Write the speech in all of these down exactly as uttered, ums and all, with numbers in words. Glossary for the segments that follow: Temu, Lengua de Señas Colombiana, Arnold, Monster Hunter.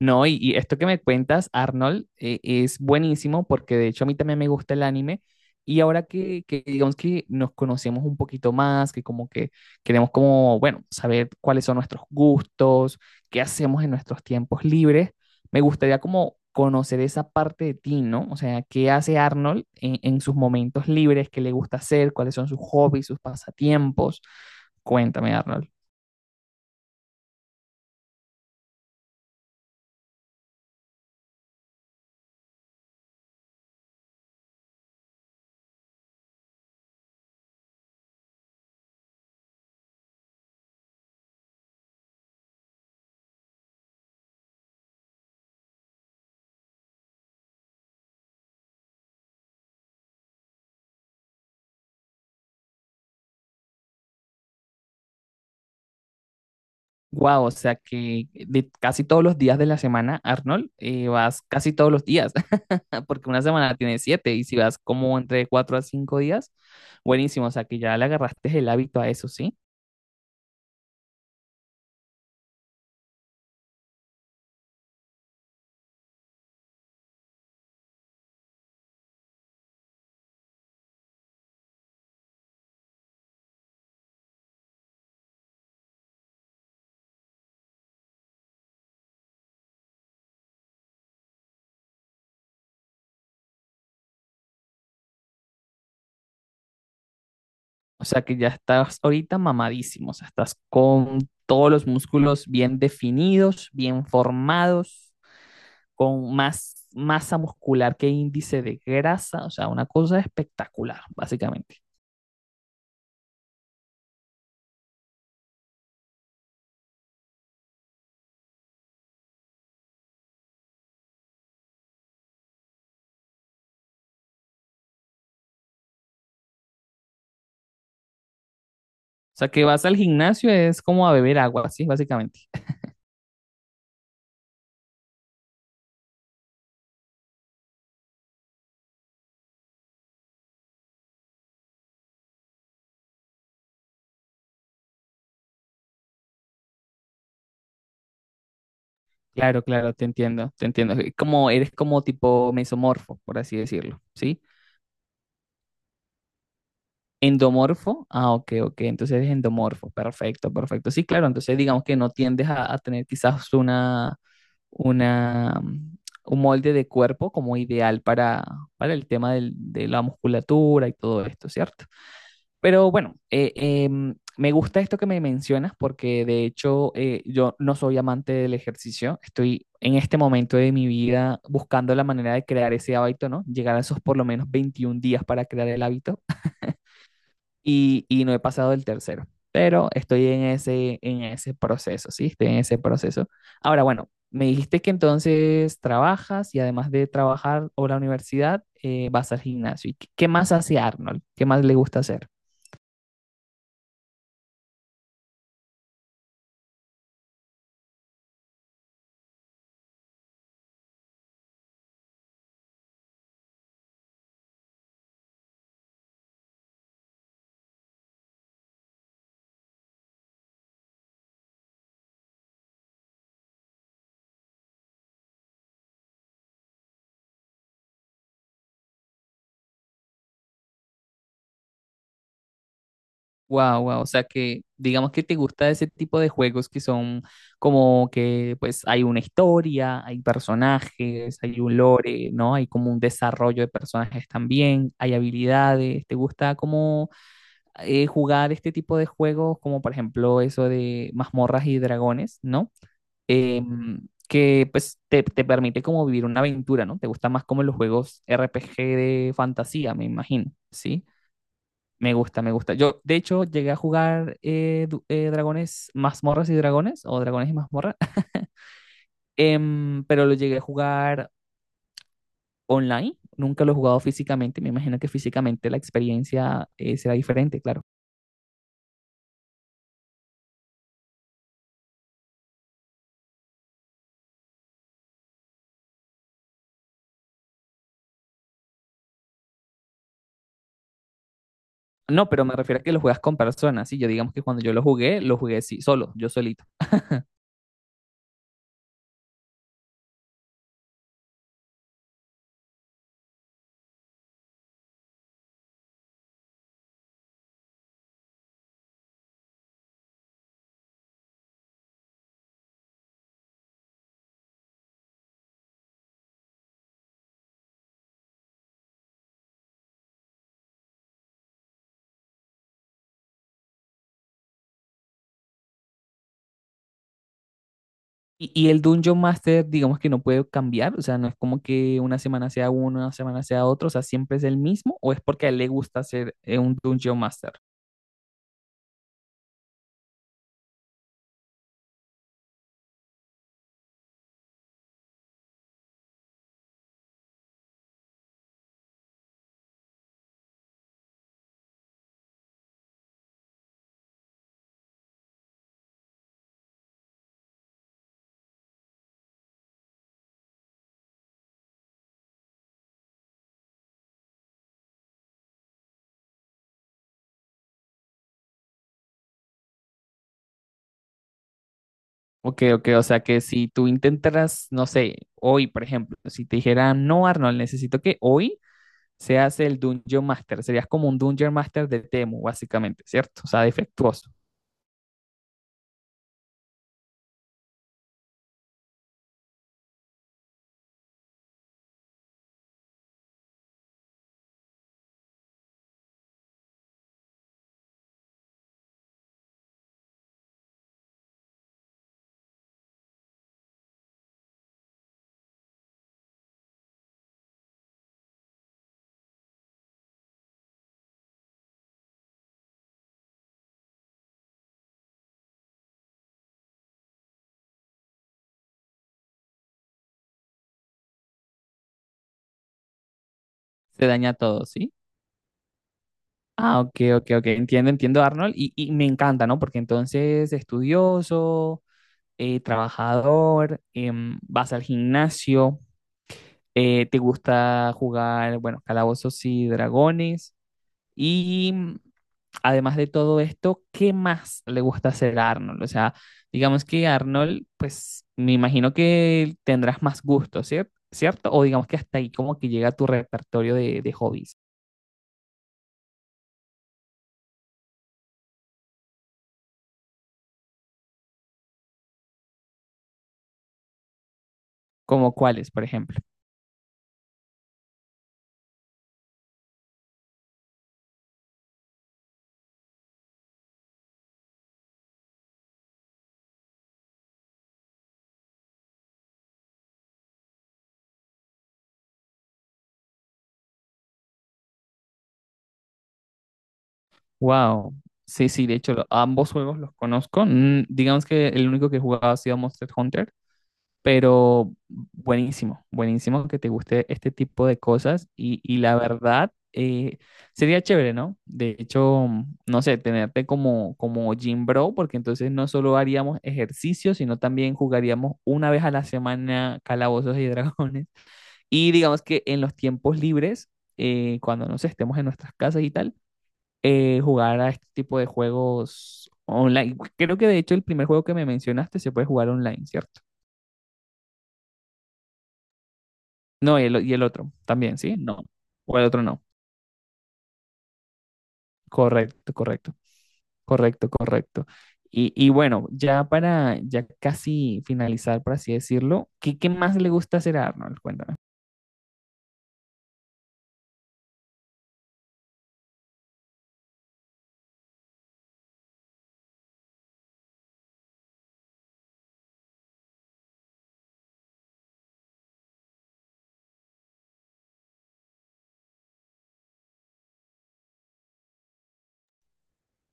No, y, y esto que me cuentas, Arnold, eh, es buenísimo porque de hecho a mí también me gusta el anime. Y ahora que, que digamos que nos conocemos un poquito más, que como que queremos como, bueno, saber cuáles son nuestros gustos, qué hacemos en nuestros tiempos libres, me gustaría como conocer esa parte de ti, ¿no? O sea, ¿qué hace Arnold en, en sus momentos libres? ¿Qué le gusta hacer? ¿Cuáles son sus hobbies, sus pasatiempos? Cuéntame, Arnold. Wow, o sea que de casi todos los días de la semana, Arnold, eh, vas casi todos los días, porque una semana tiene siete, y si vas como entre cuatro a cinco días, buenísimo, o sea que ya le agarraste el hábito a eso, ¿sí? O sea que ya estás ahorita mamadísimo, o sea, estás con todos los músculos bien definidos, bien formados, con más masa muscular que índice de grasa, o sea, una cosa espectacular, básicamente. O sea que vas al gimnasio es como a beber agua, ¿sí? Básicamente. Claro, claro, te entiendo, te entiendo. Eh, Como eres como tipo mesomorfo, por así decirlo, ¿sí? Endomorfo, ah, ok, ok, entonces eres endomorfo, perfecto, perfecto. Sí, claro, entonces digamos que no tiendes a, a tener quizás una, una, mm, un molde de cuerpo como ideal para, para el tema del- de la musculatura y todo esto, ¿cierto? Pero bueno, eh, em, me gusta esto que me mencionas porque de hecho eh, yo no soy amante del ejercicio. Estoy en este momento de mi vida buscando la manera de crear ese hábito, ¿no? Llegar a esos por lo menos veintiún días para crear el hábito y, y no he pasado del tercero. Pero estoy en ese, en ese proceso, ¿sí? Estoy en ese proceso. Ahora, bueno, me dijiste que entonces trabajas y además de trabajar o la universidad, eh, vas al gimnasio. ¿Y qué qué más hace Arnold? ¿Qué más le gusta hacer? Wow, wow, o sea que digamos que te gusta ese tipo de juegos que son como que pues hay una historia, hay personajes, hay un lore, ¿no? Hay como un desarrollo de personajes también, hay habilidades, ¿te gusta como eh, jugar este tipo de juegos como por ejemplo eso de mazmorras y dragones, ¿no? Em, que pues te, te permite como vivir una aventura, ¿no? Te gusta más como los juegos R P G de fantasía, me imagino, ¿sí? Me gusta, me gusta. Yo, de hecho, llegué a jugar eh, du- eh, Dragones, Mazmorras y Dragones, o Dragones y Mazmorras, em, pero lo llegué a jugar online. Nunca lo he jugado físicamente. Me imagino que físicamente la experiencia eh, será diferente, claro. No, pero me refiero a que lo juegas con personas. Sí, yo digamos que cuando yo lo jugué, lo jugué sí, solo, yo solito. Y, y el Dungeon Master, digamos que no puede cambiar. O sea, no es como que una semana sea uno, una semana sea otro. O sea, siempre es el mismo, o es porque a él le gusta ser eh, un Dungeon Master. Ok, ok, o sea que si tú intentaras, no sé, hoy, por ejemplo, si te dijera, no, Arnold, necesito que hoy seas el Dungeon Master, serías como un Dungeon Master de Temu, básicamente, ¿cierto? O sea, defectuoso, se daña todo, ¿sí? Ah, ok, ok, ok, entiendo, entiendo, Arnold, y, y me encanta, ¿no? Porque entonces, estudioso, eh, trabajador, em, vas al gimnasio, eh, te gusta jugar, bueno, calabozos y dragones, y... además de todo esto, ¿qué más le gusta hacer a Arnold? O sea, digamos que Arnold, pues me imagino que tendrás más gusto, ¿cier- ¿cierto? O digamos que hasta ahí como que llega tu repertorio de, de hobbies, como cuáles, por ejemplo. Wow. Sí, sí, de hecho, lo- ambos juegos los conozco. Mm, digamos que el único que he jugado ha sido Monster Hunter, pero buenísimo, buenísimo que te guste este tipo de cosas y, y la verdad eh, sería chévere, ¿no? De hecho, mm, no sé, tenerte como, como, gym bro, porque entonces no solo haríamos ejercicio, sino también jugaríamos una vez a la semana calabozos y dragones. Y digamos que en los tiempos libres, eh, cuando no sé, estemos en nuestras casas y tal, eh, jugar a este tipo de juegos online. Creo que de hecho el primer juego que me mencionaste se puede jugar online, ¿cierto? No, y el, y el otro también, ¿sí? No. O el otro no. Correcto, correcto, correcto, correcto. Y, y bueno, ya para ya casi finalizar, por así decirlo, ¿qué, qué más le gusta hacer a Arnold? Cuéntame.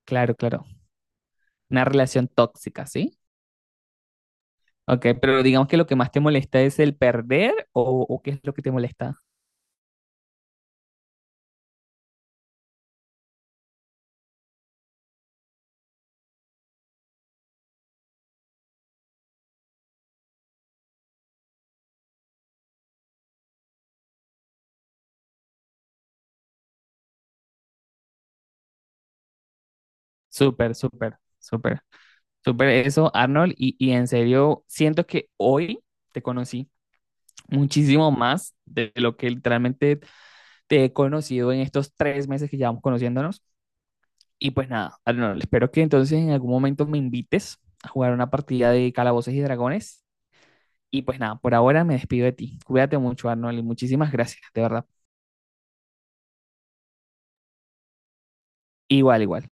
Claro, claro. Una relación tóxica, ¿sí? Ok, pero digamos que lo que más te molesta es el perder o, o qué es lo que te molesta. Súper, súper, súper, súper eso, Arnold. Y, y en serio, siento que hoy te conocí muchísimo más de lo que literalmente te he conocido en estos tres meses que llevamos conociéndonos. Y pues nada, Arnold, espero que entonces en algún momento me invites a jugar una partida de Calabozos y Dragones. Y pues nada, por ahora me despido de ti. Cuídate mucho, Arnold, y muchísimas gracias, de verdad. Igual, igual.